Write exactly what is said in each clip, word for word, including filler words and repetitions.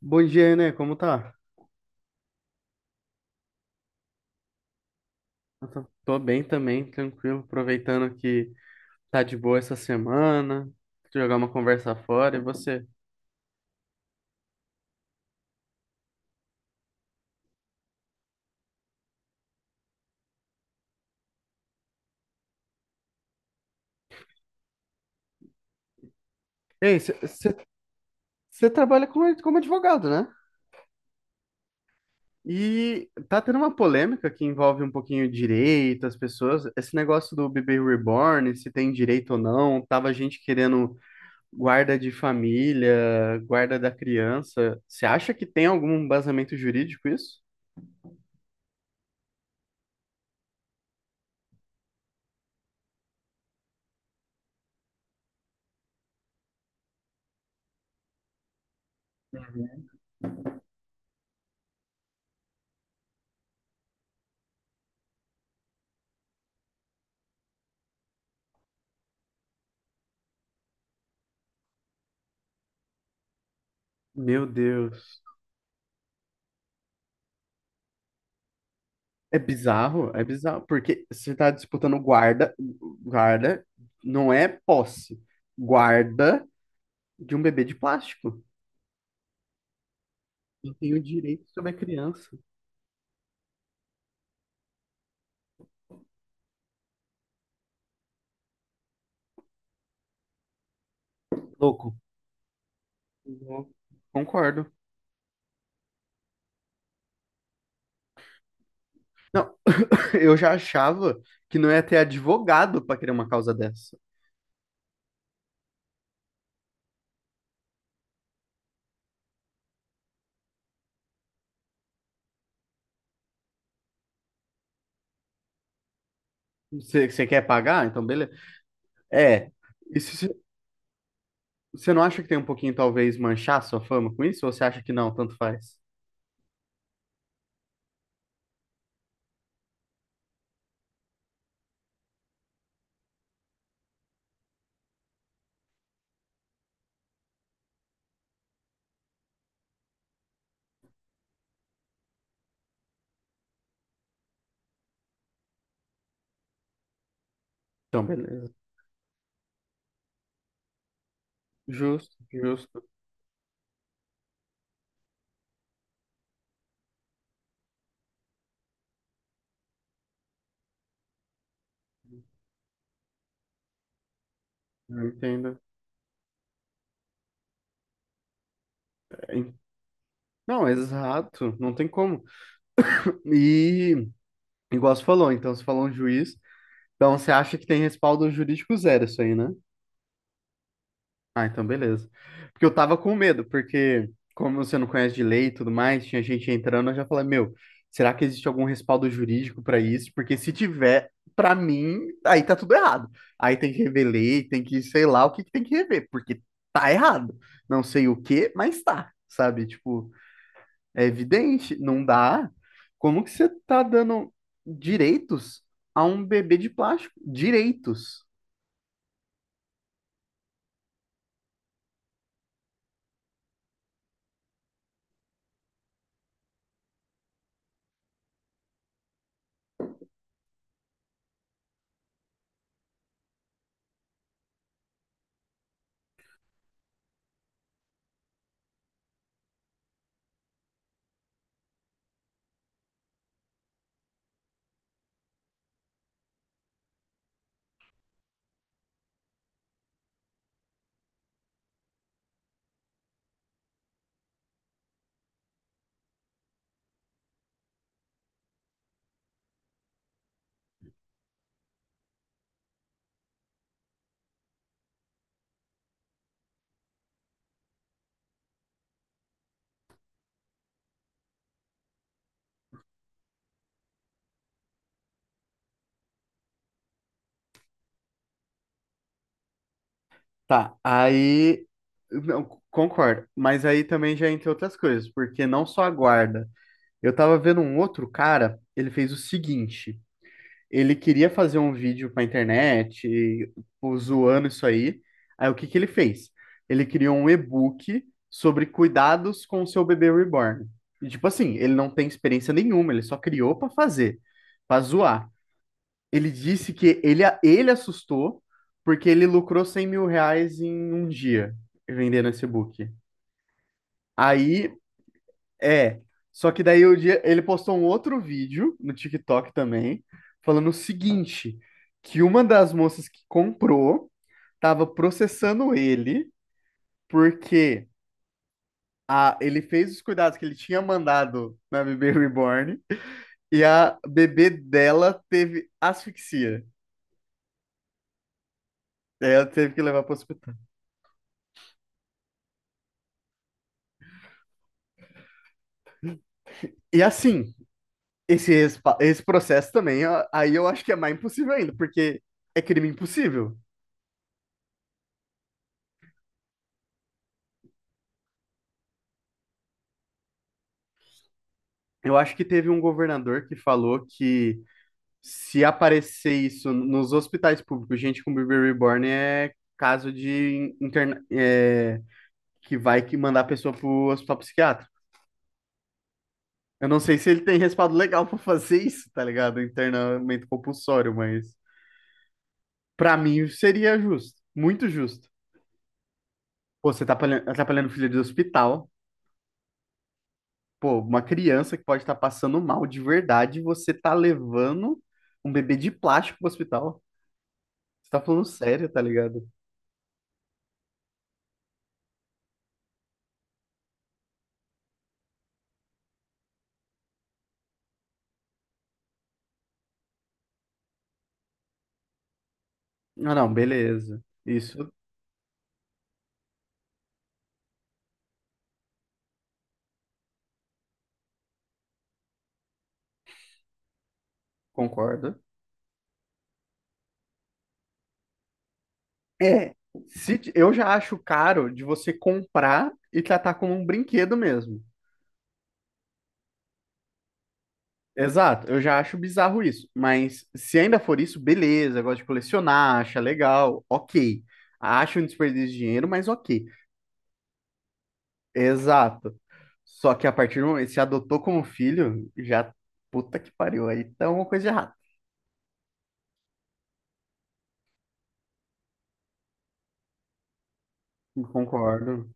Bom dia, né? Como tá? Eu tô, tô bem também, tranquilo, aproveitando que tá de boa essa semana, jogar uma conversa fora, e você? Ei, você trabalha como, como advogado, né? E tá tendo uma polêmica que envolve um pouquinho direito, as pessoas, esse negócio do bebê reborn, se tem direito ou não, tava gente querendo guarda de família, guarda da criança. Você acha que tem algum embasamento jurídico isso? Uhum. Meu Deus. É bizarro, é bizarro, porque você está disputando guarda, guarda não é posse, guarda de um bebê de plástico. Eu tenho direito sobre a criança. Louco. Louco. Concordo. Não, eu já achava que não ia ter advogado para criar uma causa dessa. Você você quer pagar? Então, beleza. É. E se- Você não acha que tem um pouquinho, talvez, manchar sua fama com isso? Ou você acha que não, tanto faz? Então, beleza. Justo, justo. Eu entendo. É, en- Não, exato. Não tem como. E, igual você falou, então, você falou um juiz. Então, você acha que tem respaldo jurídico zero isso aí, né? Ah, então beleza. Porque eu tava com medo, porque como você não conhece de lei e tudo mais, tinha gente entrando, eu já falei, meu, será que existe algum respaldo jurídico pra isso? Porque se tiver, pra mim, aí tá tudo errado. Aí tem que rever lei, tem que, sei lá, o que que tem que rever, porque tá errado. Não sei o que, mas tá, sabe? Tipo, é evidente, não dá. Como que você tá dando direitos a um bebê de plástico? Direitos. Tá, aí. Não, c- Concordo. Mas aí também já entre outras coisas, porque não só a guarda. Eu tava vendo um outro cara, ele fez o seguinte: ele queria fazer um vídeo pra internet, e, pô, zoando isso aí. Aí o que que ele fez? Ele criou um e-book sobre cuidados com o seu bebê reborn. E, tipo assim, ele não tem experiência nenhuma, ele só criou pra fazer, pra zoar. Ele disse que ele, ele assustou porque ele lucrou cem mil reais em um dia vendendo esse book. Aí, é. Só que daí o dia, ele postou um outro vídeo no TikTok também, falando o seguinte, que uma das moças que comprou estava processando ele porque a, ele fez os cuidados que ele tinha mandado na bebê reborn e a bebê dela teve asfixia. Ela teve que levar para o hospital. E assim, Esse, respa- esse processo também, ó, aí eu acho que é mais impossível ainda, porque é crime impossível. Eu acho que teve um governador que falou que se aparecer isso nos hospitais públicos, gente com bebê reborn é caso de interna é, que vai que mandar a pessoa pro hospital psiquiátrico. Eu não sei se ele tem respaldo legal pra fazer isso, tá ligado? Internamento compulsório, mas pra mim seria justo, muito justo. Pô, você tá atrapalhando atrapalhando o filho do hospital. Pô, uma criança que pode estar passando mal de verdade, você tá levando um bebê de plástico pro hospital. Você tá falando sério, tá ligado? Não, não, beleza. Isso, concordo. É, se, eu já acho caro de você comprar e tratar como um brinquedo mesmo. Exato, eu já acho bizarro isso. Mas se ainda for isso, beleza, gosto de colecionar, acha legal, ok. Acho um desperdício de dinheiro, mas ok. Exato. Só que a partir do momento, que se adotou como filho, já puta que pariu. Aí tá uma coisa de errada. Concordo,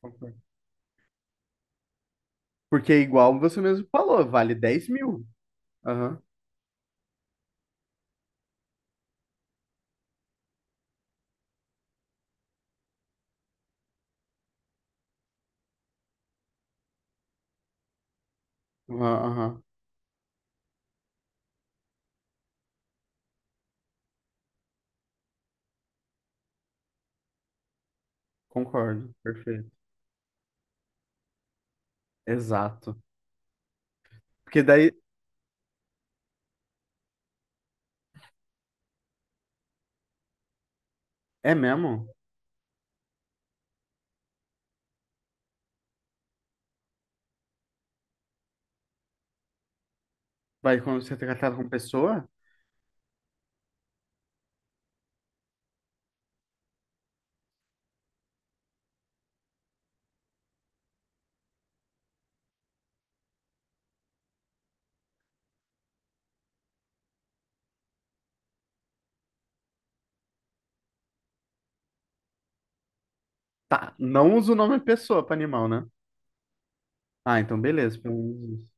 concordo. Porque igual você mesmo falou, vale dez mil. Aham. Aham. Aham. Concordo. Perfeito. Exato. Porque daí é mesmo? Vai quando você é tratado como pessoa? Tá. Não usa o nome pessoa para animal, né? Ah, então beleza. Pelo menos isso.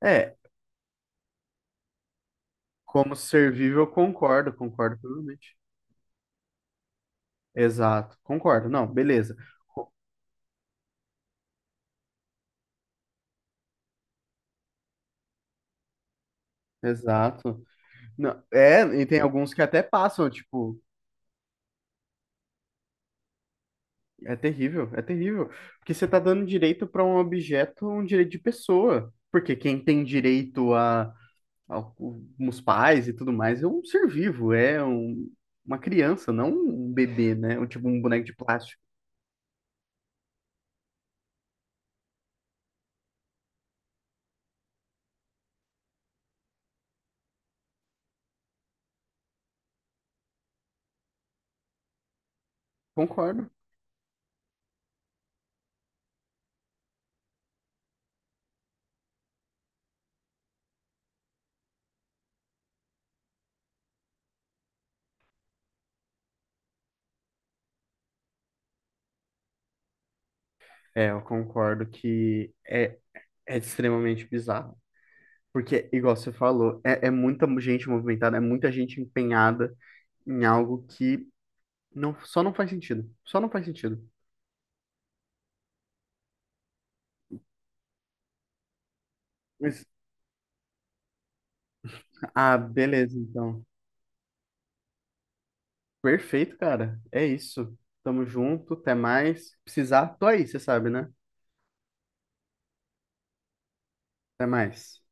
É, como ser vivo, eu concordo, concordo plenamente. Exato. Concordo. Não, beleza. Co- Exato. Não, é, e tem alguns que até passam, tipo, é terrível, é terrível. Porque você tá dando direito para um objeto, um direito de pessoa. Porque quem tem direito a, a- os pais e tudo mais é um ser vivo, é um- uma criança, não um bebê, né? Ou tipo um boneco de plástico. Concordo. É, eu concordo que é, É extremamente bizarro. Porque, igual você falou, é é muita gente movimentada, é muita gente empenhada em algo que... Não, só não faz sentido. Só não faz sentido. Mas... Ah, beleza, então. Perfeito, cara. É isso. Tamo junto, até mais. Precisar, tô aí, você sabe, né? Até mais.